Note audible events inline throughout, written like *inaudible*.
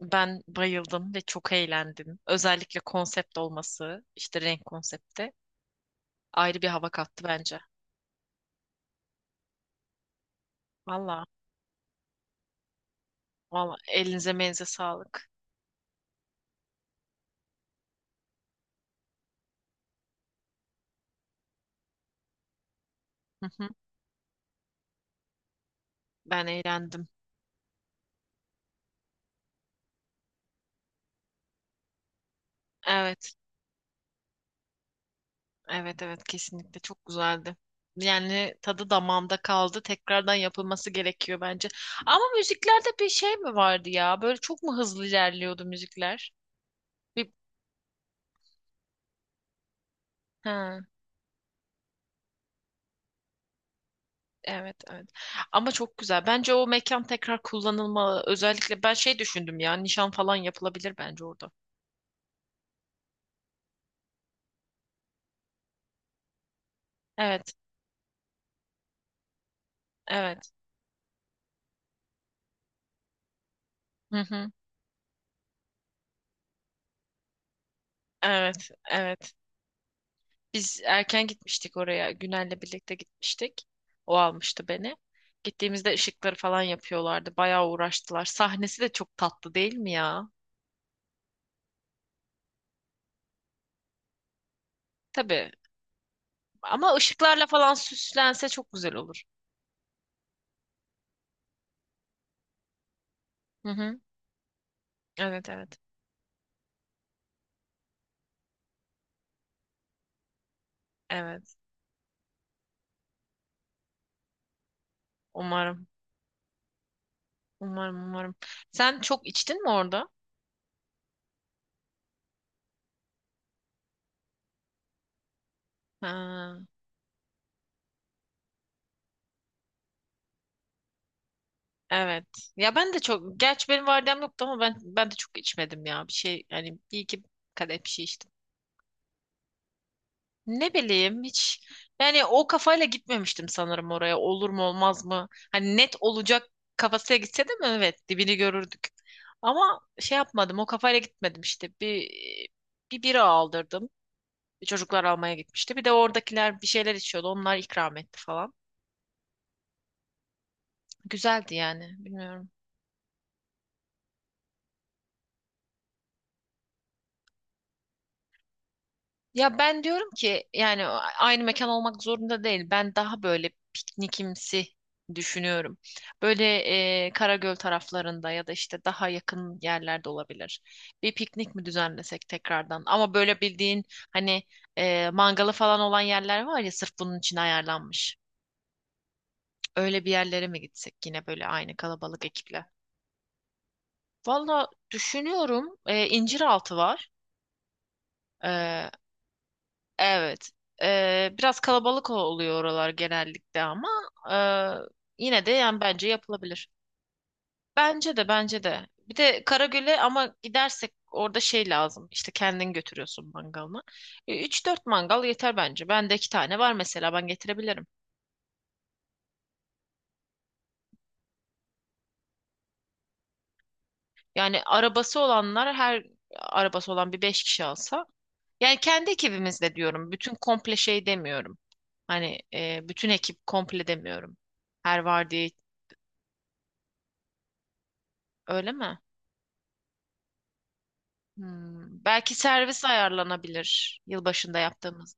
Ben bayıldım ve çok eğlendim. Özellikle konsept olması, işte renk konsepti ayrı bir hava kattı bence. Valla, valla, elinize menize sağlık. Hı hı. Ben eğlendim. Evet, evet, evet, kesinlikle çok güzeldi. Yani tadı damağımda kaldı. Tekrardan yapılması gerekiyor bence. Ama müziklerde bir şey mi vardı ya? Böyle çok mu hızlı ilerliyordu müzikler? Bir... He. Evet, evet. Ama çok güzel. Bence o mekan tekrar kullanılmalı. Özellikle ben şey düşündüm ya, nişan falan yapılabilir bence orada. Evet, evet. Hı hı. Evet, evet. Biz erken gitmiştik oraya. Günel'le birlikte gitmiştik. O almıştı beni. Gittiğimizde ışıkları falan yapıyorlardı. Bayağı uğraştılar. Sahnesi de çok tatlı değil mi ya? Tabii. Ama ışıklarla falan süslense çok güzel olur. Hı hı. Evet, evet. Evet. Umarım. Umarım, umarım. Sen çok içtin mi orada? Ha, evet. Ya ben de çok, gerçi benim vardiyam yoktu ama ben de çok içmedim ya. Bir şey yani bir iki kadeh bir şey içtim. Ne bileyim hiç yani o kafayla gitmemiştim sanırım oraya. Olur mu olmaz mı? Hani net olacak kafasıyla gitse de mi? Evet, dibini görürdük. Ama şey yapmadım, o kafayla gitmedim işte. Bir bira aldırdım. Çocuklar almaya gitmişti. Bir de oradakiler bir şeyler içiyordu. Onlar ikram etti falan. Güzeldi yani. Bilmiyorum. Ya ben diyorum ki yani aynı mekan olmak zorunda değil. Ben daha böyle piknikimsi düşünüyorum. Böyle Karagöl taraflarında ya da işte daha yakın yerlerde olabilir. Bir piknik mi düzenlesek tekrardan? Ama böyle bildiğin hani mangalı falan olan yerler var ya, sırf bunun için ayarlanmış. Öyle bir yerlere mi gitsek yine böyle aynı kalabalık ekiple? Valla düşünüyorum. İnciraltı var. Evet. Biraz kalabalık oluyor oralar genellikle ama yine de yani bence yapılabilir. Bence de, bence de. Bir de Karagöl'e ama gidersek orada şey lazım. İşte kendin götürüyorsun mangalını. 3-4 mangal yeter bence. Bende 2 tane var mesela, ben getirebilirim. Yani arabası olanlar her arabası olan bir 5 kişi alsa. Yani kendi ekibimizle diyorum. Bütün komple şey demiyorum. Hani bütün ekip komple demiyorum. Her vardiya öyle mi? Belki servis ayarlanabilir, yılbaşında yaptığımız.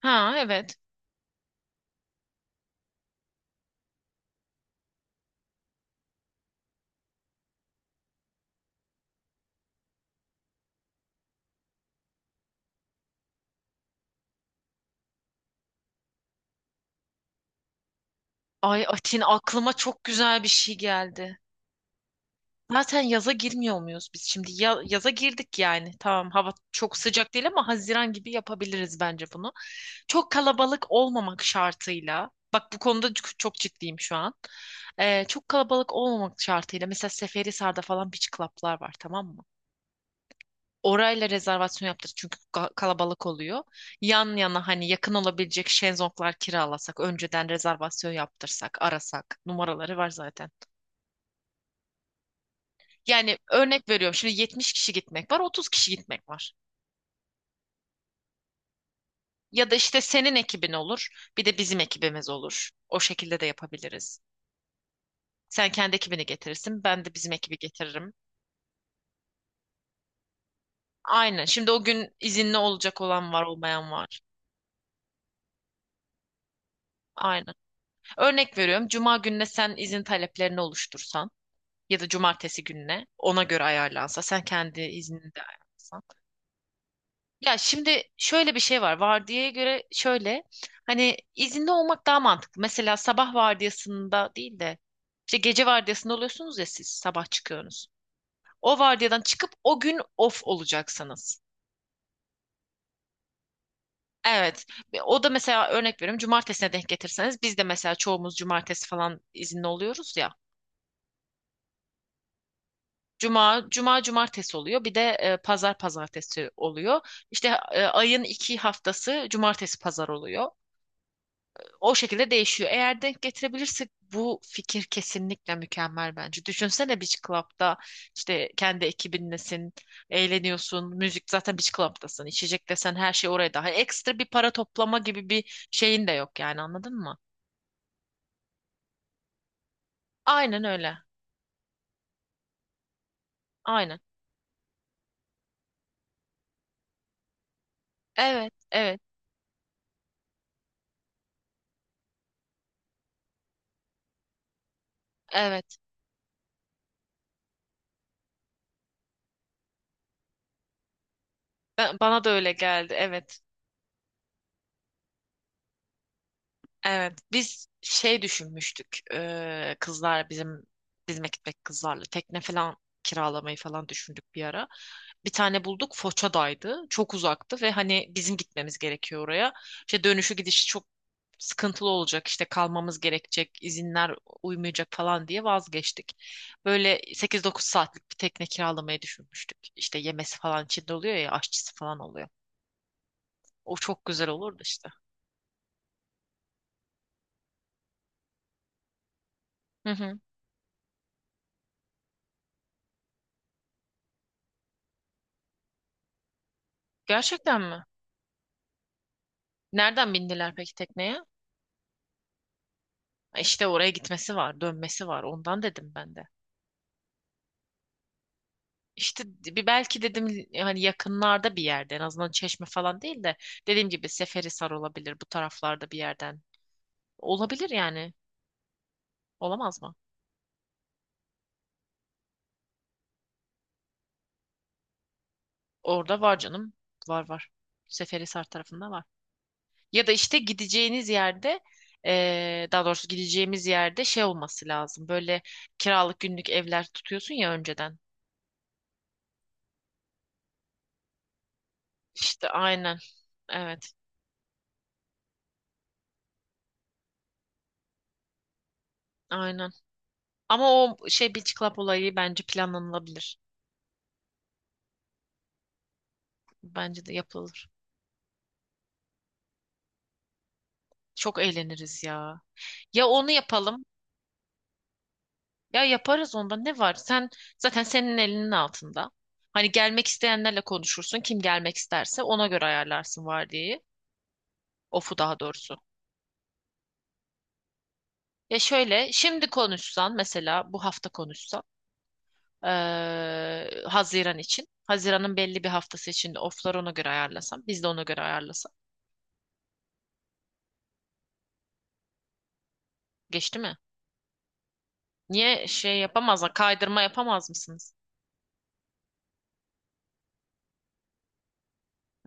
Ha, evet. Ay Atin, aklıma çok güzel bir şey geldi. Zaten yaza girmiyor muyuz biz şimdi? Yaza girdik yani. Tamam, hava çok sıcak değil ama Haziran gibi yapabiliriz bence bunu. Çok kalabalık olmamak şartıyla. Bak bu konuda çok ciddiyim şu an. Çok kalabalık olmamak şartıyla. Mesela Seferihisar'da falan beach club'lar var, tamam mı? Orayla rezervasyon yaptırdık çünkü kalabalık oluyor. Yan yana hani yakın olabilecek şezlonglar kiralasak, önceden rezervasyon yaptırsak, arasak. Numaraları var zaten. Yani örnek veriyorum, şimdi 70 kişi gitmek var, 30 kişi gitmek var. Ya da işte senin ekibin olur, bir de bizim ekibimiz olur. O şekilde de yapabiliriz. Sen kendi ekibini getirirsin, ben de bizim ekibi getiririm. Aynen. Şimdi o gün izinli olacak olan var, olmayan var. Aynen. Örnek veriyorum. Cuma gününe sen izin taleplerini oluştursan, ya da cumartesi gününe ona göre ayarlansa, sen kendi iznini de ayarlasan. Ya şimdi şöyle bir şey var, vardiyaya göre şöyle hani izinli olmak daha mantıklı. Mesela sabah vardiyasında değil de işte gece vardiyasında oluyorsunuz ya, siz sabah çıkıyorsunuz. O vardiyadan çıkıp o gün off olacaksınız. Evet. Ve o da mesela, örnek veriyorum, cumartesine denk getirseniz, biz de mesela çoğumuz cumartesi falan izinli oluyoruz ya. Cuma, cumartesi oluyor. Bir de pazar pazartesi oluyor. İşte ayın 2 haftası cumartesi pazar oluyor. O şekilde değişiyor. Eğer denk getirebilirsek bu fikir kesinlikle mükemmel bence. Düşünsene, Beach Club'da işte kendi ekibinlesin, eğleniyorsun, müzik zaten, Beach Club'dasın. İçecek desen her şey oraya daha. Ekstra bir para toplama gibi bir şeyin de yok yani, anladın mı? Aynen öyle. Aynen. Evet, evet, evet. Bana da öyle geldi. Evet. Evet, biz şey düşünmüştük, kızlar bizim bizime gitmek, kızlarla tekne falan kiralamayı falan düşündük bir ara. Bir tane bulduk, Foça'daydı. Çok uzaktı ve hani bizim gitmemiz gerekiyor oraya. İşte dönüşü gidişi çok sıkıntılı olacak, işte kalmamız gerekecek, izinler uymayacak falan diye vazgeçtik. Böyle 8-9 saatlik bir tekne kiralamayı düşünmüştük. İşte yemesi falan içinde oluyor ya, aşçısı falan oluyor. O çok güzel olurdu işte. Hı hı. Gerçekten mi? Nereden bindiler peki tekneye? İşte oraya gitmesi var, dönmesi var. Ondan dedim ben de. İşte bir belki dedim, hani yakınlarda bir yerde, en azından Çeşme falan değil de dediğim gibi Seferihisar olabilir, bu taraflarda bir yerden. Olabilir yani. Olamaz mı? Orada var canım. Var, var. Seferihisar tarafında var. Ya da işte gideceğiniz yerde, daha doğrusu gideceğimiz yerde şey olması lazım. Böyle kiralık günlük evler tutuyorsun ya önceden. İşte aynen. Evet, aynen. Ama o şey Beach Club olayı bence planlanılabilir. Bence de yapılır. Çok eğleniriz ya. Ya onu yapalım, ya yaparız, onda ne var? Sen zaten, senin elinin altında. Hani gelmek isteyenlerle konuşursun. Kim gelmek isterse ona göre ayarlarsın vardiyi. Ofu, daha doğrusu. Ya şöyle, şimdi konuşsan mesela, bu hafta konuşsan Haziran için. Haziran'ın belli bir haftası için de oflar ona göre ayarlasam. Biz de ona göre ayarlasak. Geçti mi? Niye şey yapamazlar? Kaydırma yapamaz mısınız?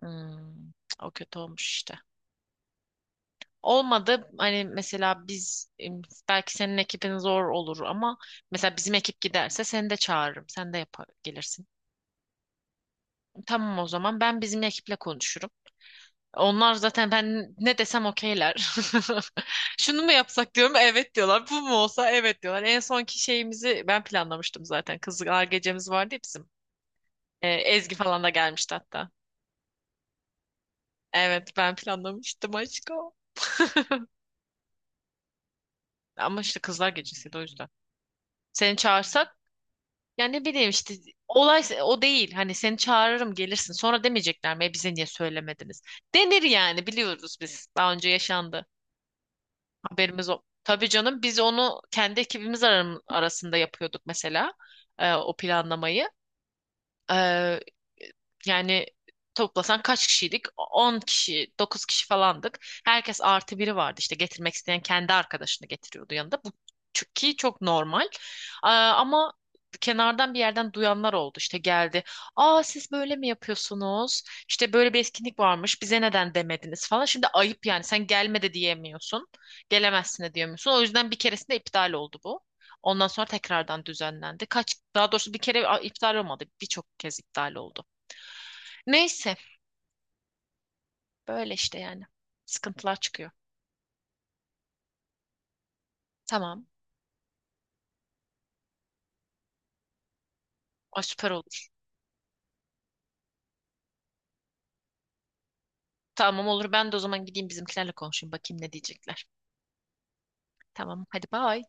Hmm, O kötü olmuş işte. Olmadı hani, mesela biz belki senin ekibin zor olur ama mesela bizim ekip giderse seni de çağırırım. Sen de yapar, gelirsin. Tamam, o zaman ben bizim ekiple konuşurum. Onlar zaten ben ne desem okeyler. *laughs* Şunu mu yapsak diyorum, evet diyorlar. Bu mu olsa, evet diyorlar. En sonki şeyimizi ben planlamıştım zaten. Kızlar gecemiz vardı ya bizim. Ezgi falan da gelmişti hatta. Evet, ben planlamıştım aşkım. Ama işte kızlar gecesiydi o yüzden. Seni çağırsak, ya ne bileyim işte, olay o değil. Hani seni çağırırım, gelirsin. Sonra demeyecekler mi, "E, bize niye söylemediniz?" Denir yani, biliyoruz biz. Daha önce yaşandı. Haberimiz o. Tabii canım, biz onu kendi ekibimiz arasında yapıyorduk mesela, o planlamayı. Yani toplasan kaç kişiydik? 10 kişi, 9 kişi falandık. Herkes artı biri vardı. İşte getirmek isteyen kendi arkadaşını getiriyordu yanında. Bu çünkü çok normal. Aa, ama kenardan bir yerden duyanlar oldu. İşte geldi. Aa, siz böyle mi yapıyorsunuz? İşte böyle bir etkinlik varmış. Bize neden demediniz falan. Şimdi ayıp yani. Sen gelme de diyemiyorsun. Gelemezsin de diyemiyorsun. O yüzden bir keresinde iptal oldu bu. Ondan sonra tekrardan düzenlendi. Kaç, daha doğrusu bir kere iptal olmadı. Birçok kez iptal oldu. Neyse, böyle işte yani. Sıkıntılar çıkıyor. Tamam. Ay süper olur. Tamam, olur. Ben de o zaman gideyim bizimkilerle konuşayım. Bakayım ne diyecekler. Tamam. Hadi bye.